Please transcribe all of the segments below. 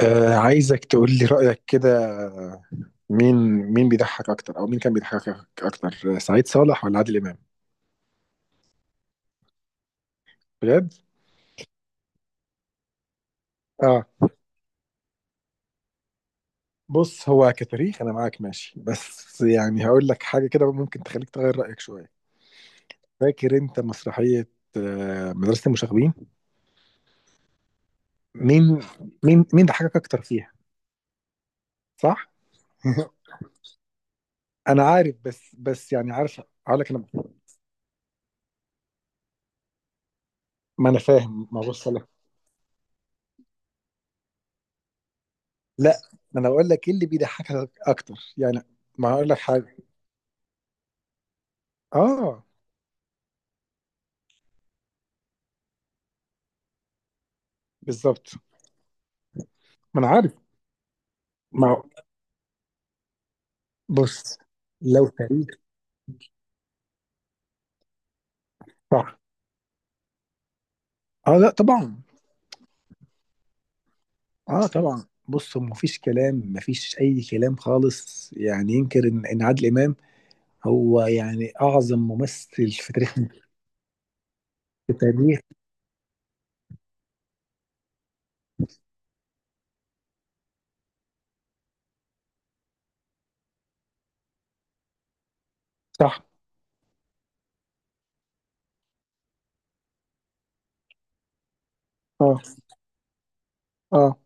عايزك تقول لي رأيك كده. مين مين بيضحك أكتر، أو مين كان بيضحكك أكتر، سعيد صالح ولا عادل إمام؟ بجد؟ آه. بص، هو كتاريخ أنا معاك ماشي، بس يعني هقول لك حاجة كده ممكن تخليك تغير رأيك شوية. فاكر أنت مسرحية؟ آه، مدرسة المشاغبين؟ مين مين ضحكك أكتر فيها؟ صح؟ أنا عارف، بس يعني عارف. هقول لك أنا. ما أنا فاهم، ما بص لك. لا، ما أنا بقول لك إيه اللي بيضحكك أكتر يعني. ما هقول لك حاجة. آه، بالظبط. ما انا عارف. ما هو- بص، لو تاريخ. صح. اه، لا طبعا. اه طبعا. بص، ما فيش كلام، ما فيش اي كلام خالص يعني ينكر ان عادل امام هو يعني اعظم ممثل في تاريخ، في تاريخ. صح. اه، اه.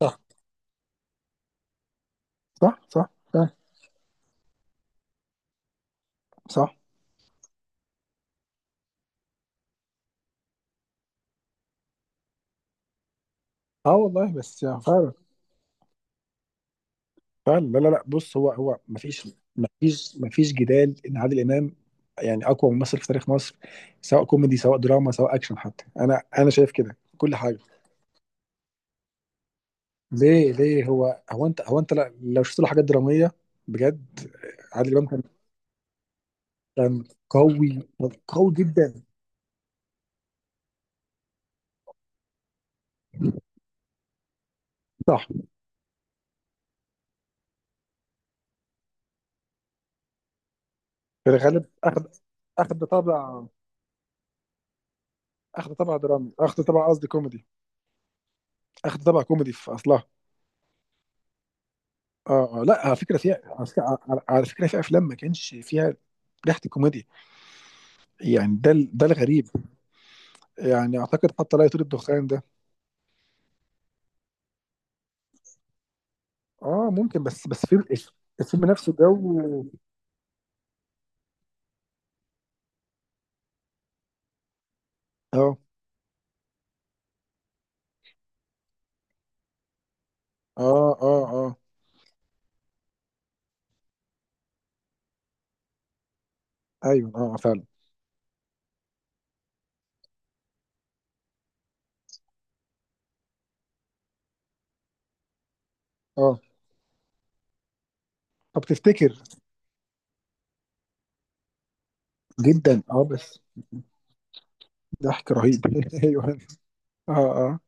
صح، صح، صح، صح. صح. اه والله، بس يعني فعلا. فعلا، لا، لا، لا، بص. هو ما فيش. ما فيش جدال ان عادل امام يعني اقوى ممثل في تاريخ مصر، سواء كوميدي سواء دراما سواء اكشن. حتى انا شايف كده كل حاجه. ليه ليه هو هو انت هو انت لو شفت له حاجات دراميه بجد. عادل امام كان، كان قوي، قوي جدا. صح. في الغالب اخد طابع، اخد طابع درامي، اخد طابع قصدي كوميدي، اخد طابع كوميدي في اصلها. اه، اه، لا، على فكره، فيها على فكره، على فكرة. في افلام ما كانش فيها ريحه الكوميديا، يعني ده الغريب. يعني اعتقد حتى لا يطير الدخان ده. اه، ممكن، بس فيلم، الفيلم نفسه جو. اه، اه، اه، اه. ايوه، اه فعلا. اه، طب تفتكر. جدا، اه بس. ضحك رهيب ايوه. اه، اه.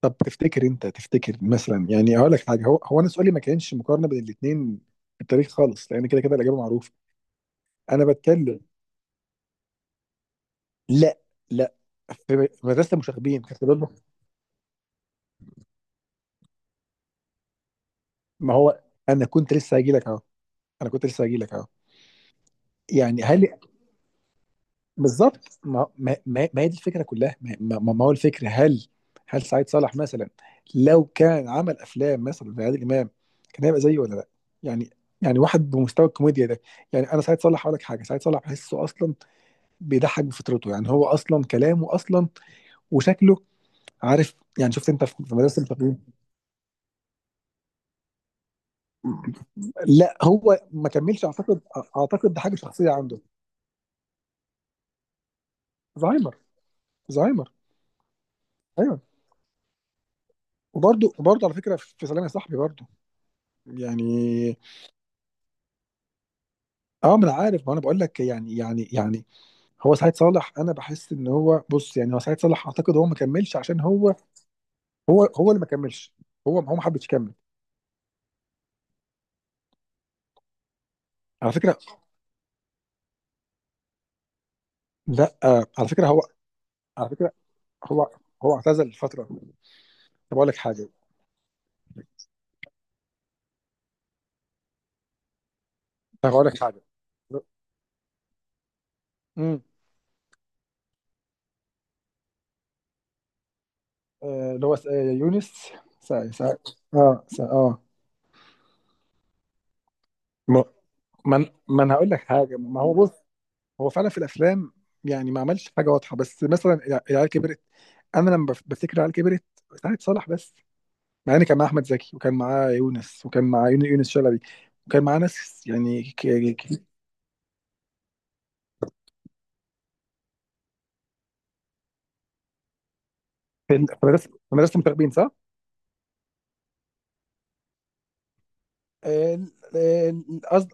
طب تفتكر، انت تفتكر مثلا، يعني اقول لك حاجه. هو انا سؤالي ما كانش مقارنه بين الاثنين في التاريخ خالص، لان كده كده الاجابه معروفه. انا بتكلم. لا، لا. في مدرسه المشاغبين كانت بتقول له. ما هو، انا كنت لسه هاجي لك اهو. انا كنت لسه هاجي لك اهو. يعني هل؟ بالظبط. ما هي دي الفكره كلها. ما هو الفكر. هل، هل سعيد صالح مثلا لو كان عمل افلام مثلا زي عادل امام كان هيبقى زيه ولا لا؟ يعني، يعني واحد بمستوى الكوميديا ده. يعني انا، سعيد صالح هقول لك حاجه، سعيد صالح بحسه اصلا بيضحك بفطرته، يعني هو اصلا كلامه اصلا وشكله، عارف. يعني شفت انت في مدرسه التقييم. لا، هو ما كملش اعتقد. اعتقد ده حاجه شخصيه عنده. زهايمر، زهايمر. ايوه. وبرده على فكره في سلام يا صاحبي برده، يعني. اه، ما انا عارف. ما انا بقول لك يعني، هو سعيد صالح. انا بحس ان هو، بص يعني، هو سعيد صالح اعتقد هو ما كملش، عشان هو، هو اللي ما كملش، هو ما حبش يكمل. على فكره، لا على فكره، هو على فكره، هو هو اعتزل فتره. طب اقول لك حاجه، طب اقول لك حاجه. امم اللي هو يونس. سعيد. اه، سعيد، اه. ما ما انا، ما أنا هقول لك حاجه، ما هو بص، هو فعلا في الافلام يعني ما عملش حاجه واضحه، بس مثلا العيال كبرت. انا لما بفتكر العيال كبرت، سعد صالح بس، مع ان كان معاه احمد زكي، وكان معاه يونس، وكان معاه يونس شلبي، وكان معاه ناس يعني، ك- في في مدرسه مشاغبين، صح؟ آه، آه، قصد،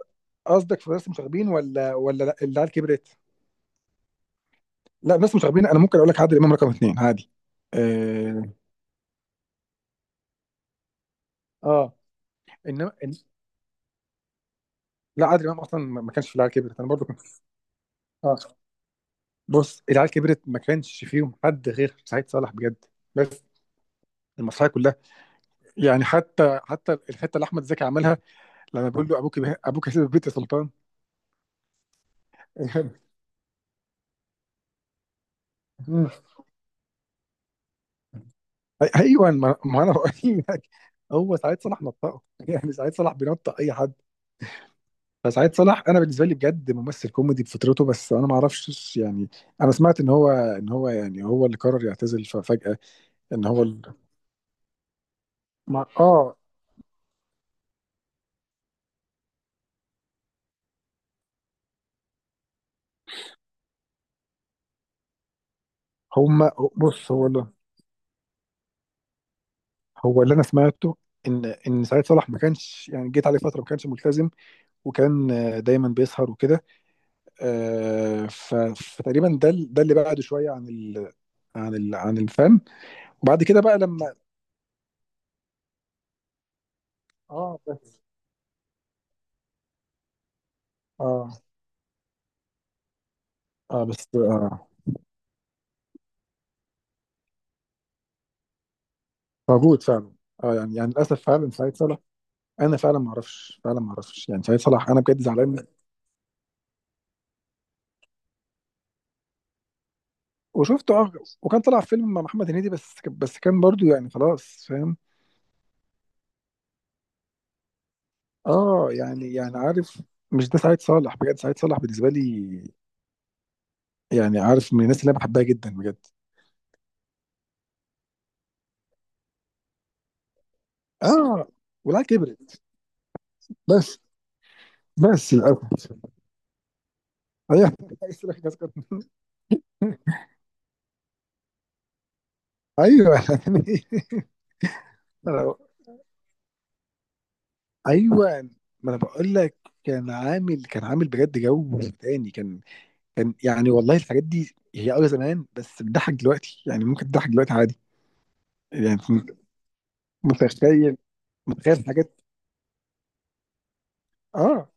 قصدك في مدرسه مشاغبين ولا، ولا لا العيال كبرت؟ لا، مدرسه مشاغبين انا ممكن اقول لك عادل امام رقم اثنين عادي. اه، اه، انما لا عادل امام اصلا ما كانش في العيال كبرت. انا برضو كنت. اه، بص، العيال كبرت ما كانش فيهم حد غير سعيد صالح بجد. بس المسرحيه كلها يعني، حتى الحته اللي احمد زكي عملها، لما بيقول له: ابوك، ابوك هيسيب البيت يا سلطان. مم. ايوه، ما انا بقول لك، هو سعيد صالح نطقه. يعني سعيد صالح بينطق اي حد. فسعيد صالح انا بالنسبه لي بجد ممثل كوميدي بفطرته، بس انا ما اعرفش يعني. انا سمعت ان هو، يعني هو اللي قرر يعتزل ففجاه. ان هو ال... ما... اه هم بص هو اللي، انا سمعته ان سعيد صالح ما كانش يعني، جيت عليه فتره ما كانش ملتزم، وكان دايما بيسهر وكده، آه، ف- فتقريبا ده اللي بعده شويه عن ال، عن الفن. وبعد كده بقى لما. اه، بس، اه. اه، بس، اه. موجود فعلا. اه، يعني للاسف فعلا سعيد صالح. انا فعلا ما اعرفش، يعني سعيد صالح انا بجد زعلان. وشفته، اه. وكان طلع في فيلم مع محمد هنيدي، بس كان برضو يعني خلاص، فاهم. اه، يعني عارف، مش ده سعيد صالح. بجد سعيد صالح بالنسبه لي يعني عارف من الناس اللي انا بحبها جدا بجد. اه، والعيال كبرت بس. بس للاسف. ايوه عايز أقول لك، ايوه يعني أنا- ايوه، ما انا بقول لك، كان عامل بجد جو تاني كان، كان يعني والله. الحاجات دي هي زمان، بس بتضحك دلوقتي، يعني ممكن تضحك دلوقتي عادي، يعني متخيل، متخيل حاجات. اه،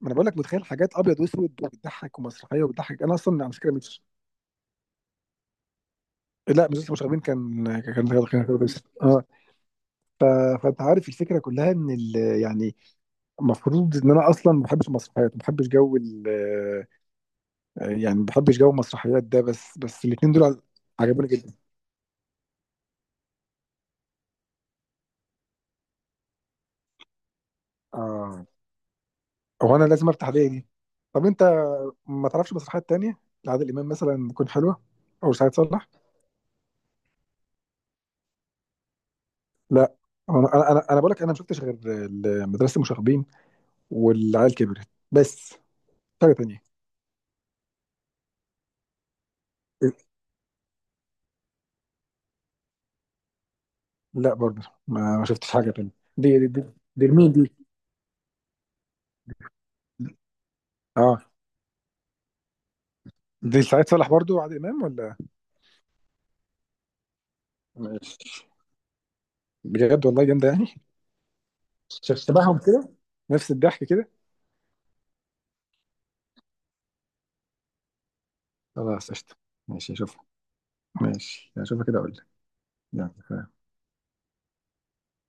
ما انا بقول لك، متخيل حاجات ابيض واسود وبتضحك، ومسرحيه وبتضحك. انا اصلا على فكره مش، لا مش لسه مشاغبين كان، بس، اه. ف... فانت عارف الفكره كلها ان يعني المفروض ان انا اصلا ما بحبش المسرحيات، ما بحبش جو ال... آه، يعني ما بحبش جو المسرحيات ده، بس الاثنين دول عجبوني جدا. اه، هو انا لازم افتح ليه دي. طب انت ما تعرفش مسرحيات تانية لعادل امام مثلا تكون حلوه، او سعيد صالح؟ لا، انا، انا بقول لك، انا ما شفتش غير مدرسه المشاغبين والعيال كبرت بس. حاجه تانية؟ لا، برضه ما شفتش حاجه تانية. دي دي، دي لمين دي؟ اه، دي سعيد صالح برضه وعادل امام ولا؟ ماشي. بجد والله جامده يعني. شبههم كده، نفس الضحك كده. خلاص قشطه، ماشي اشوفها. ماشي اشوفها كده اقول لك. يلا.